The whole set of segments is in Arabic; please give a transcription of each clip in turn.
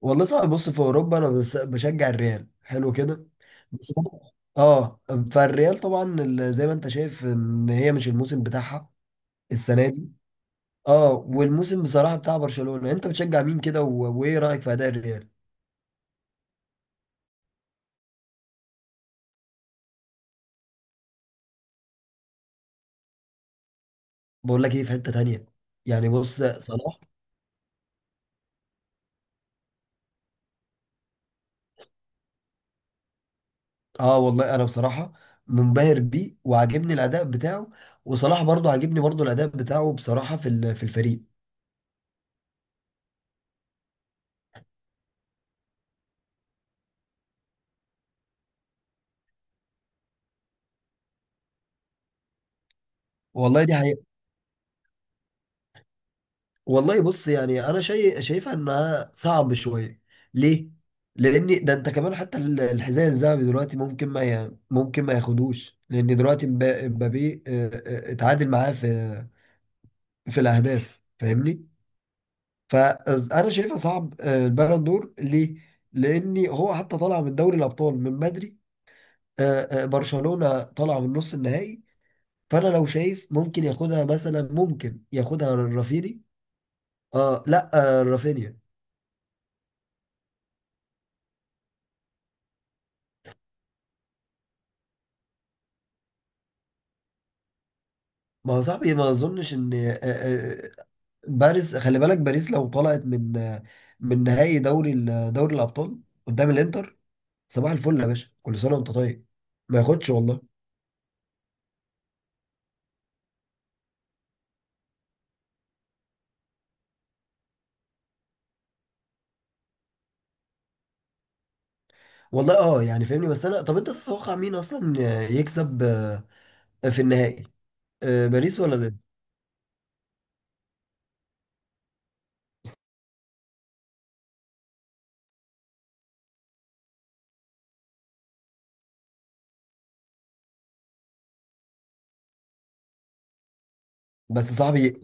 والله صعب. بص، في اوروبا انا بس بشجع الريال، حلو كده. بس طبعاً- اه فالريال طبعا زي ما انت شايف ان هي مش الموسم بتاعها السنه دي. اه والموسم بصراحه بتاع برشلونه. انت بتشجع مين كده وايه رايك في اداء الريال؟ بقول لك ايه، في حته تانية يعني. بص، صلاح. اه والله انا بصراحه منبهر بيه وعاجبني الاداء بتاعه. وصلاح برضو عاجبني، برضو الاداء بتاعه بصراحه في الفريق. والله دي حقيقة. والله بص، يعني انا شايف، شايفها انها صعب شويه. ليه؟ لان ده انت كمان حتى الحذاء الذهبي دلوقتي، ممكن ما ياخدوش، لان دلوقتي مبابي اتعادل معاه في الاهداف فاهمني. فانا شايفها صعب، البالون دور. ليه؟ لان هو حتى طالع من دوري الابطال من بدري. برشلونه طالع من نص النهائي. فانا لو شايف ممكن ياخدها مثلا، ممكن ياخدها رافيني. اه لا، رافينيا. ما هو صاحبي ما اظنش ان باريس، خلي بالك، باريس لو طلعت من نهائي دوري الابطال قدام الانتر. صباح الفل يا باشا، كل سنه وانت طيب. ما ياخدش والله. يعني فاهمني. بس انا، طب انت تتوقع مين اصلا يكسب في النهائي؟ باريس ولا الانتر؟ بس صاحبي،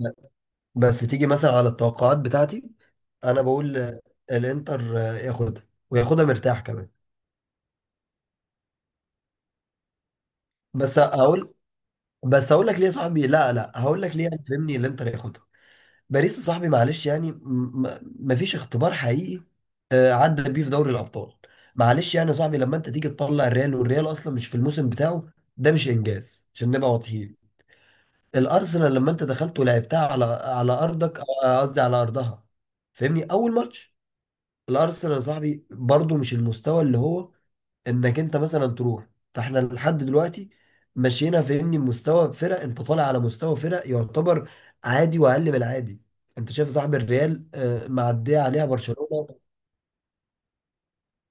بس تيجي مثلا على التوقعات بتاعتي. انا بقول الانتر ياخدها، وياخدها مرتاح كمان. بس هقول بس هقول لك ليه يا صاحبي. لا لا، هقول لك ليه يعني فاهمني. الانتر ياخدها. باريس يا صاحبي، معلش يعني مفيش اختبار حقيقي عدى بيه في دوري الابطال. معلش يعني يا صاحبي، لما انت تيجي تطلع الريال، والريال اصلا مش في الموسم بتاعه، ده مش انجاز عشان نبقى واضحين. الارسنال، لما انت دخلت ولعبتها على ارضك، قصدي على ارضها، فاهمني اول ماتش. الارسنال يا صاحبي برضو مش المستوى اللي هو، انك انت مثلا تروح. فاحنا لحد دلوقتي مشينا، فهمني، مستوى فرق، انت طالع على مستوى فرق يعتبر عادي واقل من العادي. انت شايف صاحب الريال معديه عليها برشلونه؟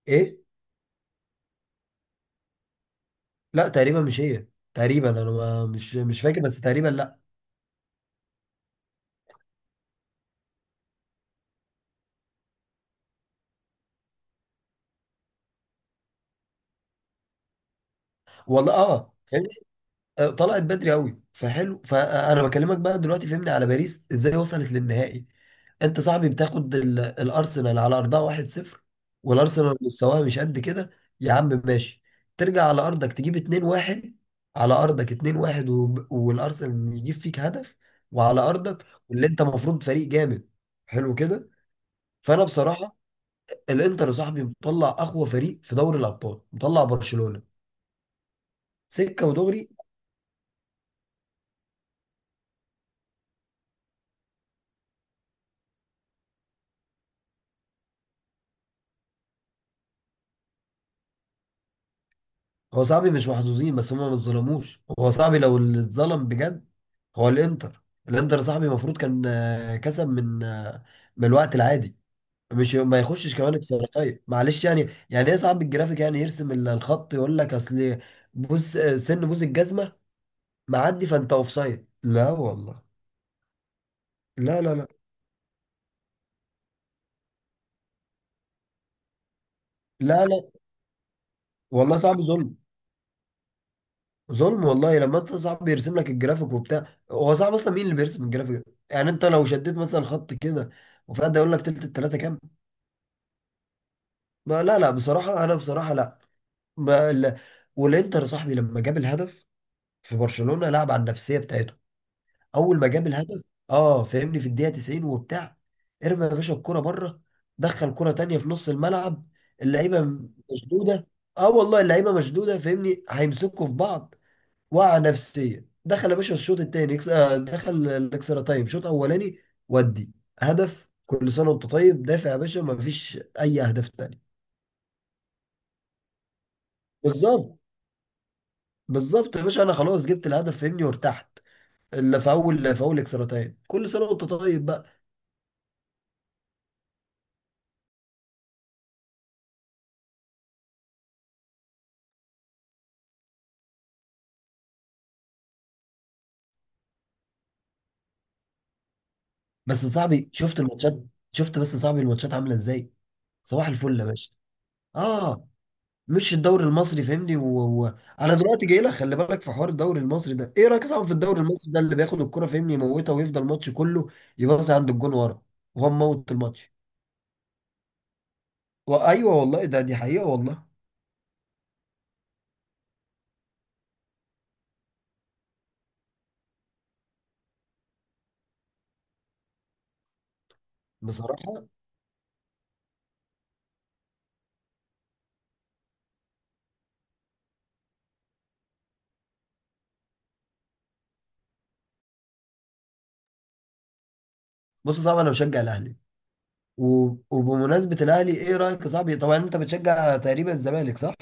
ايه؟ لا تقريبا مش هي. تقريبا انا مش فاكر، بس تقريبا لا. والله اه. طلعت بدري قوي، فحلو. فانا بكلمك بقى دلوقتي فهمني، على باريس ازاي وصلت للنهائي. انت صاحبي بتاخد الارسنال على ارضها 1-0، والارسنال مستواها مش قد كده. يا عم ماشي. ترجع على ارضك تجيب 2-1. على ارضك 2-1، والارسنال يجيب فيك هدف، وعلى ارضك، واللي انت المفروض فريق جامد. حلو كده. فانا بصراحه، الانتر يا صاحبي مطلع اقوى فريق في دوري الابطال، مطلع برشلونه سكه ودغري. هو صاحبي مش محظوظين، بس هما ما اتظلموش. هو صاحبي لو اللي اتظلم بجد، هو الانتر. الانتر صاحبي المفروض كان كسب من الوقت العادي، مش ما يخشش كمان بسرعتين، معلش يعني. يعني ايه صاحب الجرافيك يعني يرسم الخط يقول لك اصل؟ بص، سن بوز الجزمه معدي فانت اوف سايد؟ لا والله. لا لا لا لا لا، والله صعب ظلم. ظلم والله. لما انت صعب بيرسم لك الجرافيك وبتاع، هو صعب اصلا مين اللي بيرسم الجرافيك ده؟ يعني انت لو شديت مثلا خط كده، وفجأة يقول لك تلت التلاته كام؟ ما لا لا، بصراحه، انا بصراحه لا. ما لا. والانتر صاحبي لما جاب الهدف في برشلونه، لعب على النفسيه بتاعته. اول ما جاب الهدف اه، فاهمني، في الدقيقه 90 وبتاع. ارمى يا باشا الكره بره، دخل كره تانيه في نص الملعب، اللعيبه مشدوده. اه والله اللعيبه مشدوده، فاهمني، هيمسكوا في بعض. وقع نفسيا. دخل يا باشا الشوط التاني دخل الاكسترا تايم شوط اولاني. ودي هدف كل سنه وانت طيب. دافع يا باشا، ما فيش اي اهداف تاني. بالظبط. بالظبط يا باشا، انا خلاص جبت الهدف، فهمني، وارتحت. اللي في اول اكسترا تايم، كل سنه وانت طيب بقى. بس يا صاحبي شفت الماتشات، شفت بس يا صاحبي الماتشات عامله ازاي؟ صباح الفل يا باشا. اه. مش الدوري المصري فاهمني. و... انا دلوقتي جاي لك، خلي بالك في حوار الدوري المصري ده. ايه رايك صعب في الدوري المصري ده، اللي بياخد الكرة فاهمني يموتها، ويفضل الماتش كله يباصي عند الجون ورا، وهو مموت الماتش؟ وايوه والله، ده دي حقيقة والله. بصراحة. بص، صعب، انا بشجع الاهلي. و... وبمناسبة الاهلي، ايه رايك يا صاحبي، طبعا انت بتشجع تقريبا الزمالك صح؟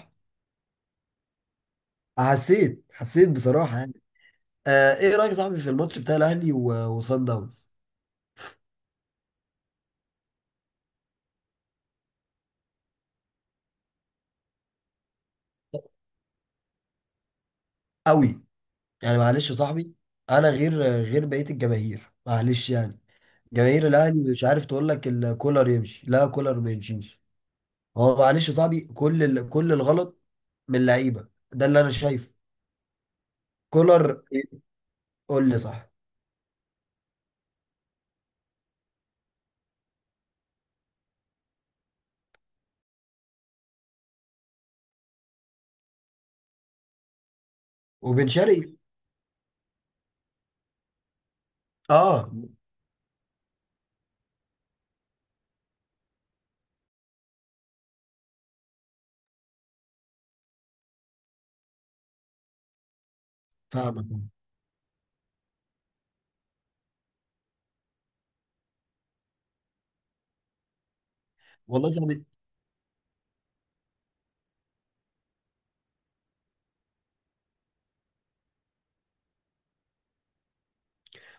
حسيت بصراحة يعني. آه، ايه رايك يا صاحبي في الماتش بتاع الاهلي وصن داونز؟ قوي، يعني معلش يا صاحبي، انا غير غير بقيه الجماهير، معلش يعني. جماهير الاهلي مش عارف، تقول لك كولر يمشي، لا كولر ما يمشيش. هو معلش يا صاحبي، كل الغلط من اللعيبه، ده اللي انا شايفه، كولر. قول لي صح. وبن شرقي. اه فاهمك. والله يا صاحبي.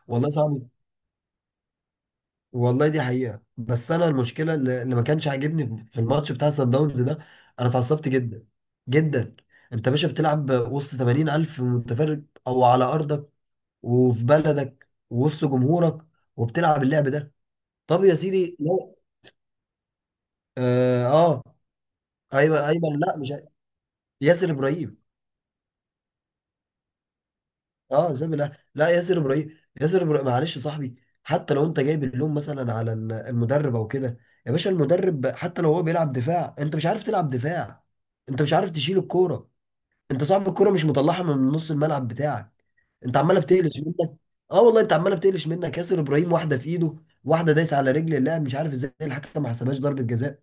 والله يا صاحبي. والله دي حقيقه، بس انا المشكله اللي ما كانش عاجبني في الماتش بتاع سان داونز ده، انا اتعصبت جدا جدا. انت يا باشا بتلعب وسط 80,000 متفرج، او على ارضك وفي بلدك ووسط جمهورك، وبتلعب اللعب ده؟ طب يا سيدي لا. اه, آه. ايمن لا مش، ياسر ابراهيم. اه زي لا لا، ياسر ابراهيم. ياسر ابراهيم معلش يا صاحبي، حتى لو انت جايب اللوم مثلا على المدرب او كده. يا باشا المدرب حتى لو هو بيلعب دفاع، انت مش عارف تلعب دفاع، انت مش عارف تشيل الكوره. انت صاحب الكوره مش مطلعها من نص الملعب بتاعك. انت عماله بتقلش منك. اه والله، انت عماله بتقلش منك. ياسر ابراهيم واحده في ايده، واحده دايسه على رجل اللاعب، مش عارف ازاي الحكم ما حسبهاش ضربه جزاء،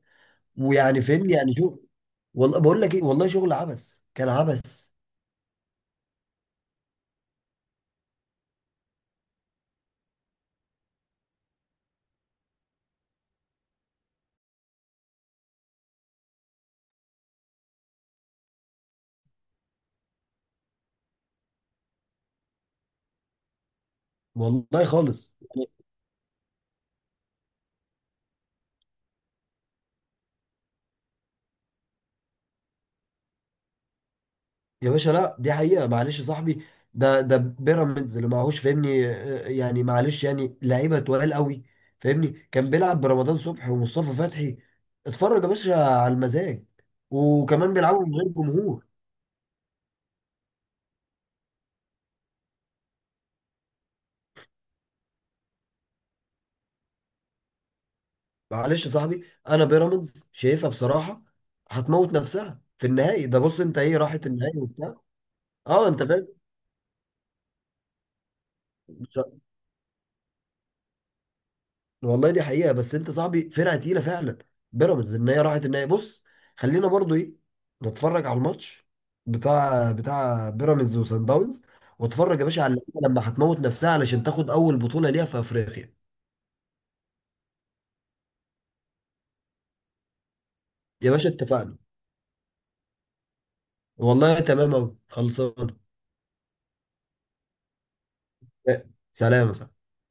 ويعني فهمني يعني شو؟ والله بقول لك ايه، والله شغل عبث، كان عبث. والله خالص يعني. يا باشا لا، دي حقيقه معلش يا صاحبي، ده بيراميدز اللي معهوش فاهمني، يعني معلش يعني لعيبه تقال قوي فاهمني. كان بيلعب برمضان صبحي ومصطفى فتحي. اتفرج يا باشا على المزاج. وكمان بيلعبوا من غير جمهور. معلش يا صاحبي، انا بيراميدز شايفها بصراحه هتموت نفسها في النهائي ده. بص انت، ايه راحت النهائي وبتاع. اه انت فاهم. بص- والله دي حقيقه، بس انت صاحبي فرقه تقيله فعلا. بيراميدز ان هي راحت النهائي، بص خلينا برضو ايه، نتفرج على الماتش بتاع بيراميدز وسان داونز. واتفرج يا باشا على اللعيبه لما هتموت نفسها علشان تاخد اول بطوله ليها في افريقيا. يا باشا اتفقنا. والله تمام اوي خلصان. سلام يا صاحبي.